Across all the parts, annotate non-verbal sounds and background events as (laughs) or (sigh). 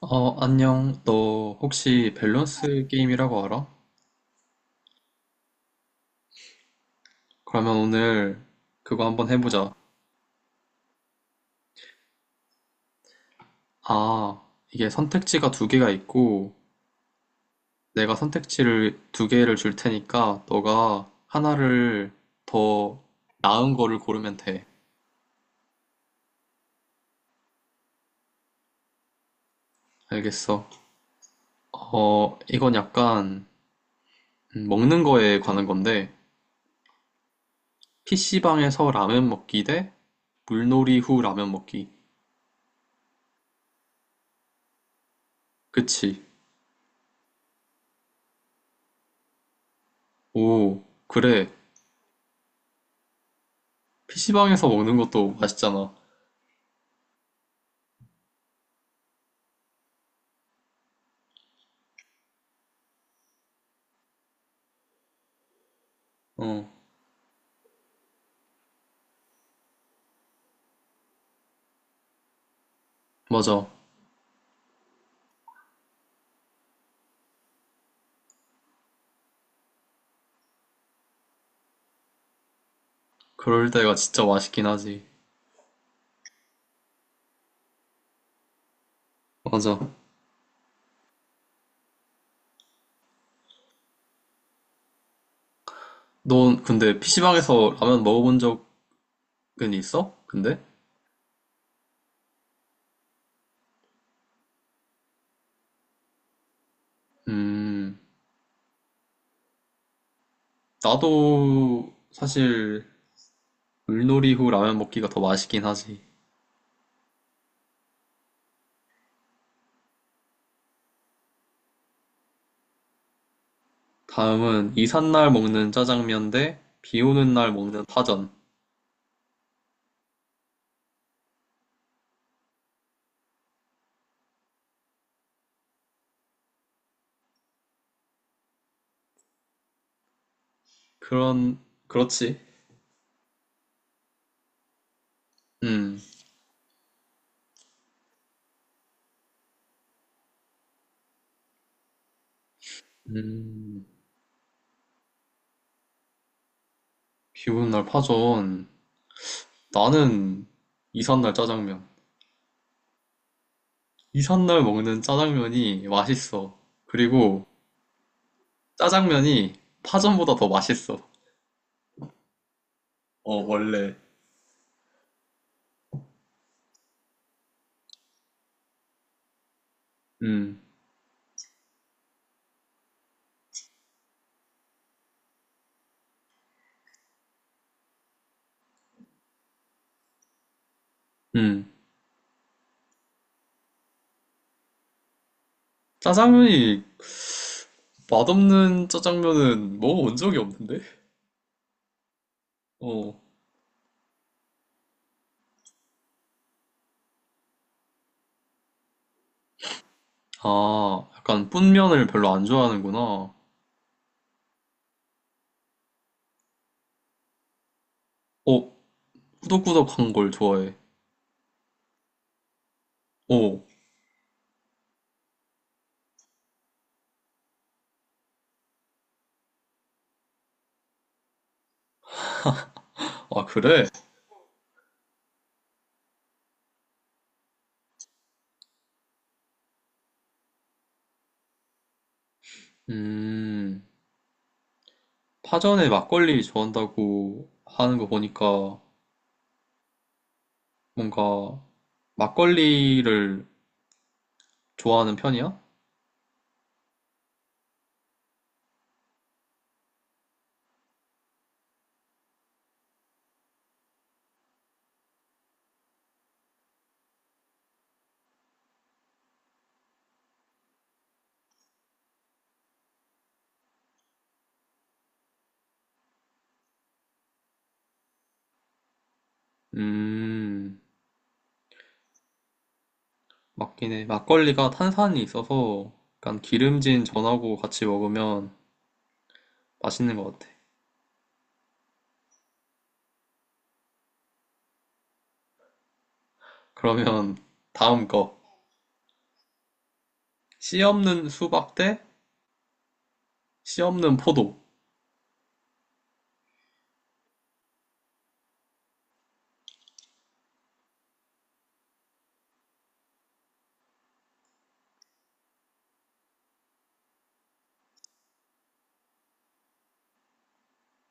어, 안녕. 너 혹시 밸런스 게임이라고 알아? 그러면 오늘 그거 한번 해보자. 아, 이게 선택지가 두 개가 있고, 내가 선택지를 두 개를 줄 테니까, 너가 하나를 더 나은 거를 고르면 돼. 알겠어. 어, 이건 약간, 먹는 거에 관한 건데, PC방에서 라면 먹기 대 물놀이 후 라면 먹기. 그치? 오, 그래. PC방에서 먹는 것도 맛있잖아. 어, 맞아. 그럴 때가 진짜 맛있긴 하지. 맞아. 넌 근데 PC방에서 라면 먹어본 적은 있어? 근데? 음, 나도 사실 물놀이 후 라면 먹기가 더 맛있긴 하지. 다음은 이삿날 먹는 짜장면 대 비 오는 날 먹는 파전. 그런, 그렇지. 음, 음, 비 오는 날 파전. 나는 이삿날 짜장면. 이삿날 먹는 짜장면이 맛있어. 그리고 짜장면이 파전보다 더 맛있어. 어, 원래. 음, 음. 짜장면이 맛없는 짜장면은 먹어본 적이 없는데? 어, 아, 약간 뿐면을 별로 안 좋아하는구나. 어, 꾸덕꾸덕한 걸 좋아해. 어, 아, 그래? 음, 파전에 막걸리 좋아한다고 하는 거 보니까 뭔가 막걸리를 좋아하는 편이야? 음, 맞긴 해. 막걸리가 탄산이 있어서 약간 기름진 전하고 같이 먹으면 맛있는 것 같아. 그러면 다음 거. 씨 없는 수박 대 씨 없는 포도.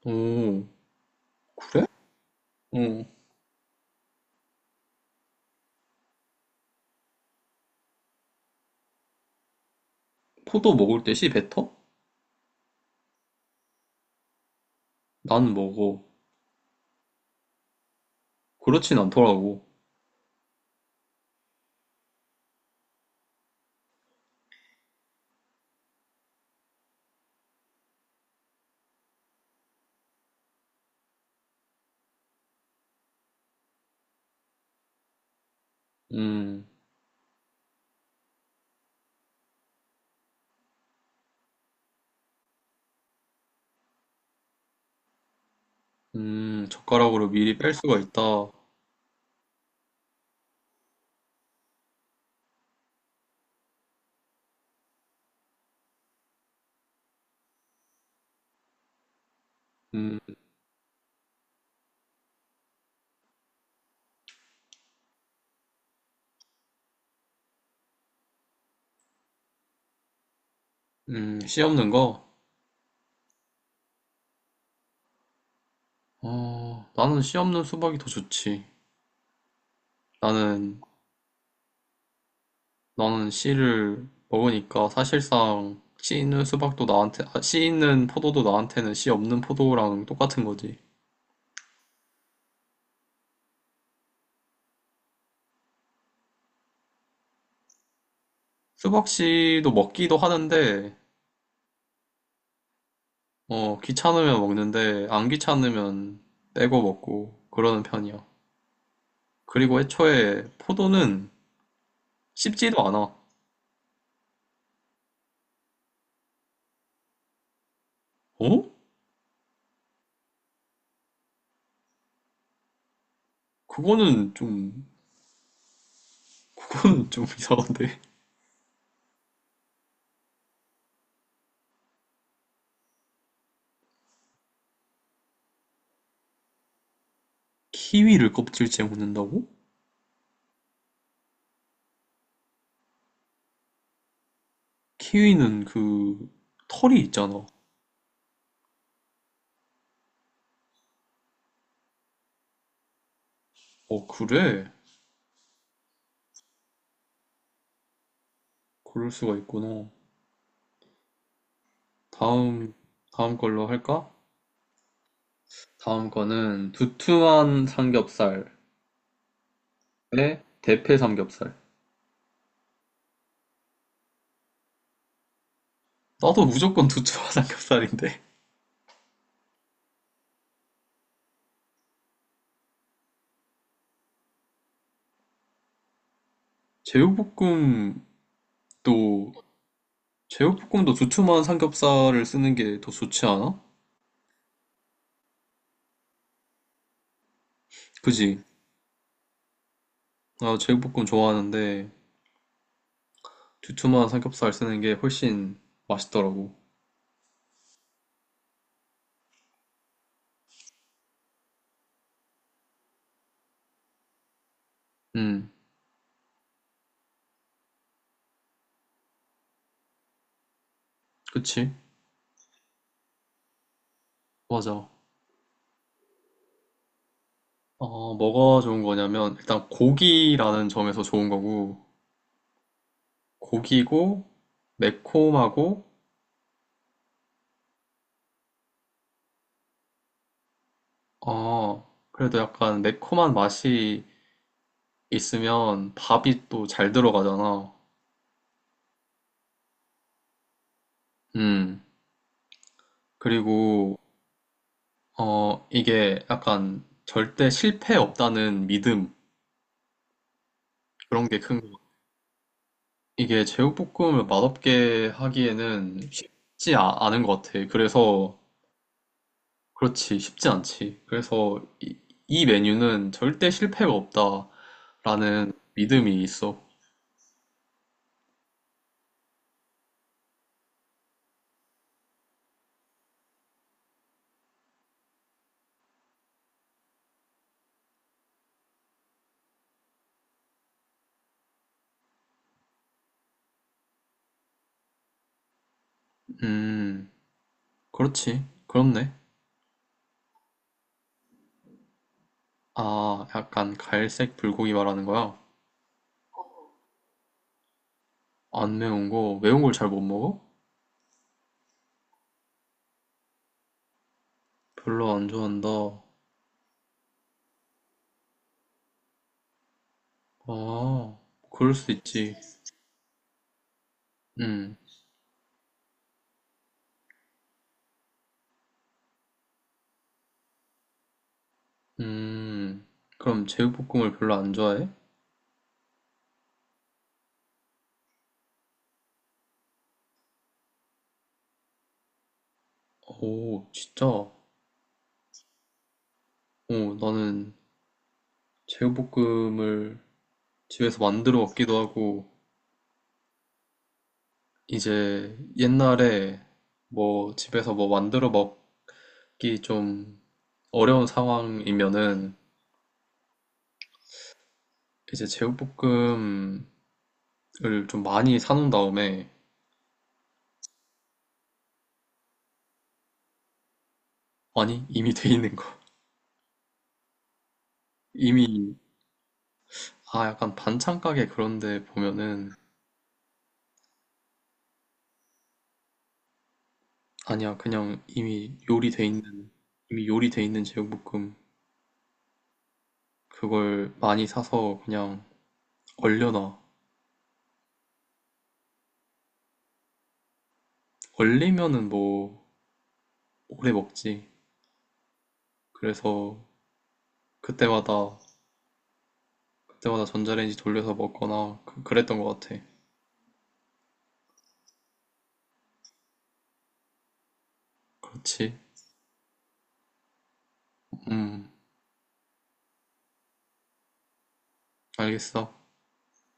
오, 그래? 응. 포도 먹을 때 씨 뱉어? 난 먹어. 그렇진 않더라고. 음, 젓가락으로 미리 뺄 수가 있다. 음, 씨 없는 거? 어, 나는 씨 없는 수박이 더 좋지. 나는 나는 씨를 먹으니까 사실상 씨 있는 수박도 나한테, 아, 씨 있는 포도도 나한테는 씨 없는 포도랑 똑같은 거지. 수박 씨도 먹기도 하는데, 어, 귀찮으면 먹는데, 안 귀찮으면 떼고 먹고, 그러는 편이야. 그리고 애초에 포도는 씹지도 않아. 어? 그거는 좀, 그거는 좀 (laughs) 이상한데. 키위를 껍질째 먹는다고? 키위는 그, 털이 있잖아. 어, 그래? 그럴 수가 있구나. 다음, 다음 걸로 할까? 다음 거는 두툼한 삼겹살에 대패 삼겹살. 나도 무조건 두툼한 (laughs) 삼겹살인데. 제육볶음도, 제육볶음도 두툼한 삼겹살을 쓰는 게 더 좋지 않아? 그지? 나 제육볶음 좋아하는데, 두툼한 삼겹살 쓰는 게 훨씬 맛있더라고. 음, 그치? 맞아. 어, 뭐가 좋은 거냐면, 일단 고기라는 점에서 좋은 거고, 고기고, 매콤하고, 아, 그래도 약간 매콤한 맛이 있으면 밥이 또 잘 들어가잖아. 음, 그리고, 어, 이게 약간 절대 실패 없다는 믿음, 그런 게 큰 거. 같아. 이게 제육볶음을 맛없게 하기에는 않은 것 같아. 그래서, 그렇지, 쉽지 않지. 그래서 이 메뉴는 절대 실패가 없다라는 믿음이 있어. 음, 그렇지. 그렇네. 아, 약간 갈색 불고기 말하는 거야? 안 매운 거? 매운 걸 잘 못 먹어? 별로 안 좋아한다. 아, 그럴 수 있지. 음, 음. 그럼 제육볶음을 별로 안 좋아해? 오, 진짜? 오, 나는 제육볶음을 집에서 만들어 먹기도 하고, 이제 옛날에 뭐 집에서 뭐 만들어 먹기 좀 어려운 상황이면은 이제 제육볶음을 좀 많이 사놓은 다음에 아니, 이미 돼 있는 거. 이미, 아, 약간 반찬 가게 그런데 보면은, 아니야, 그냥 이미 요리돼 있는, 이미 요리돼 있는 제육볶음. 그걸 많이 사서 그냥 얼려놔. 얼리면은 뭐, 오래 먹지. 그래서, 그때마다, 그때마다 전자레인지 돌려서 먹거나, 그, 랬던것 같아. 그렇지. 음, 알겠어.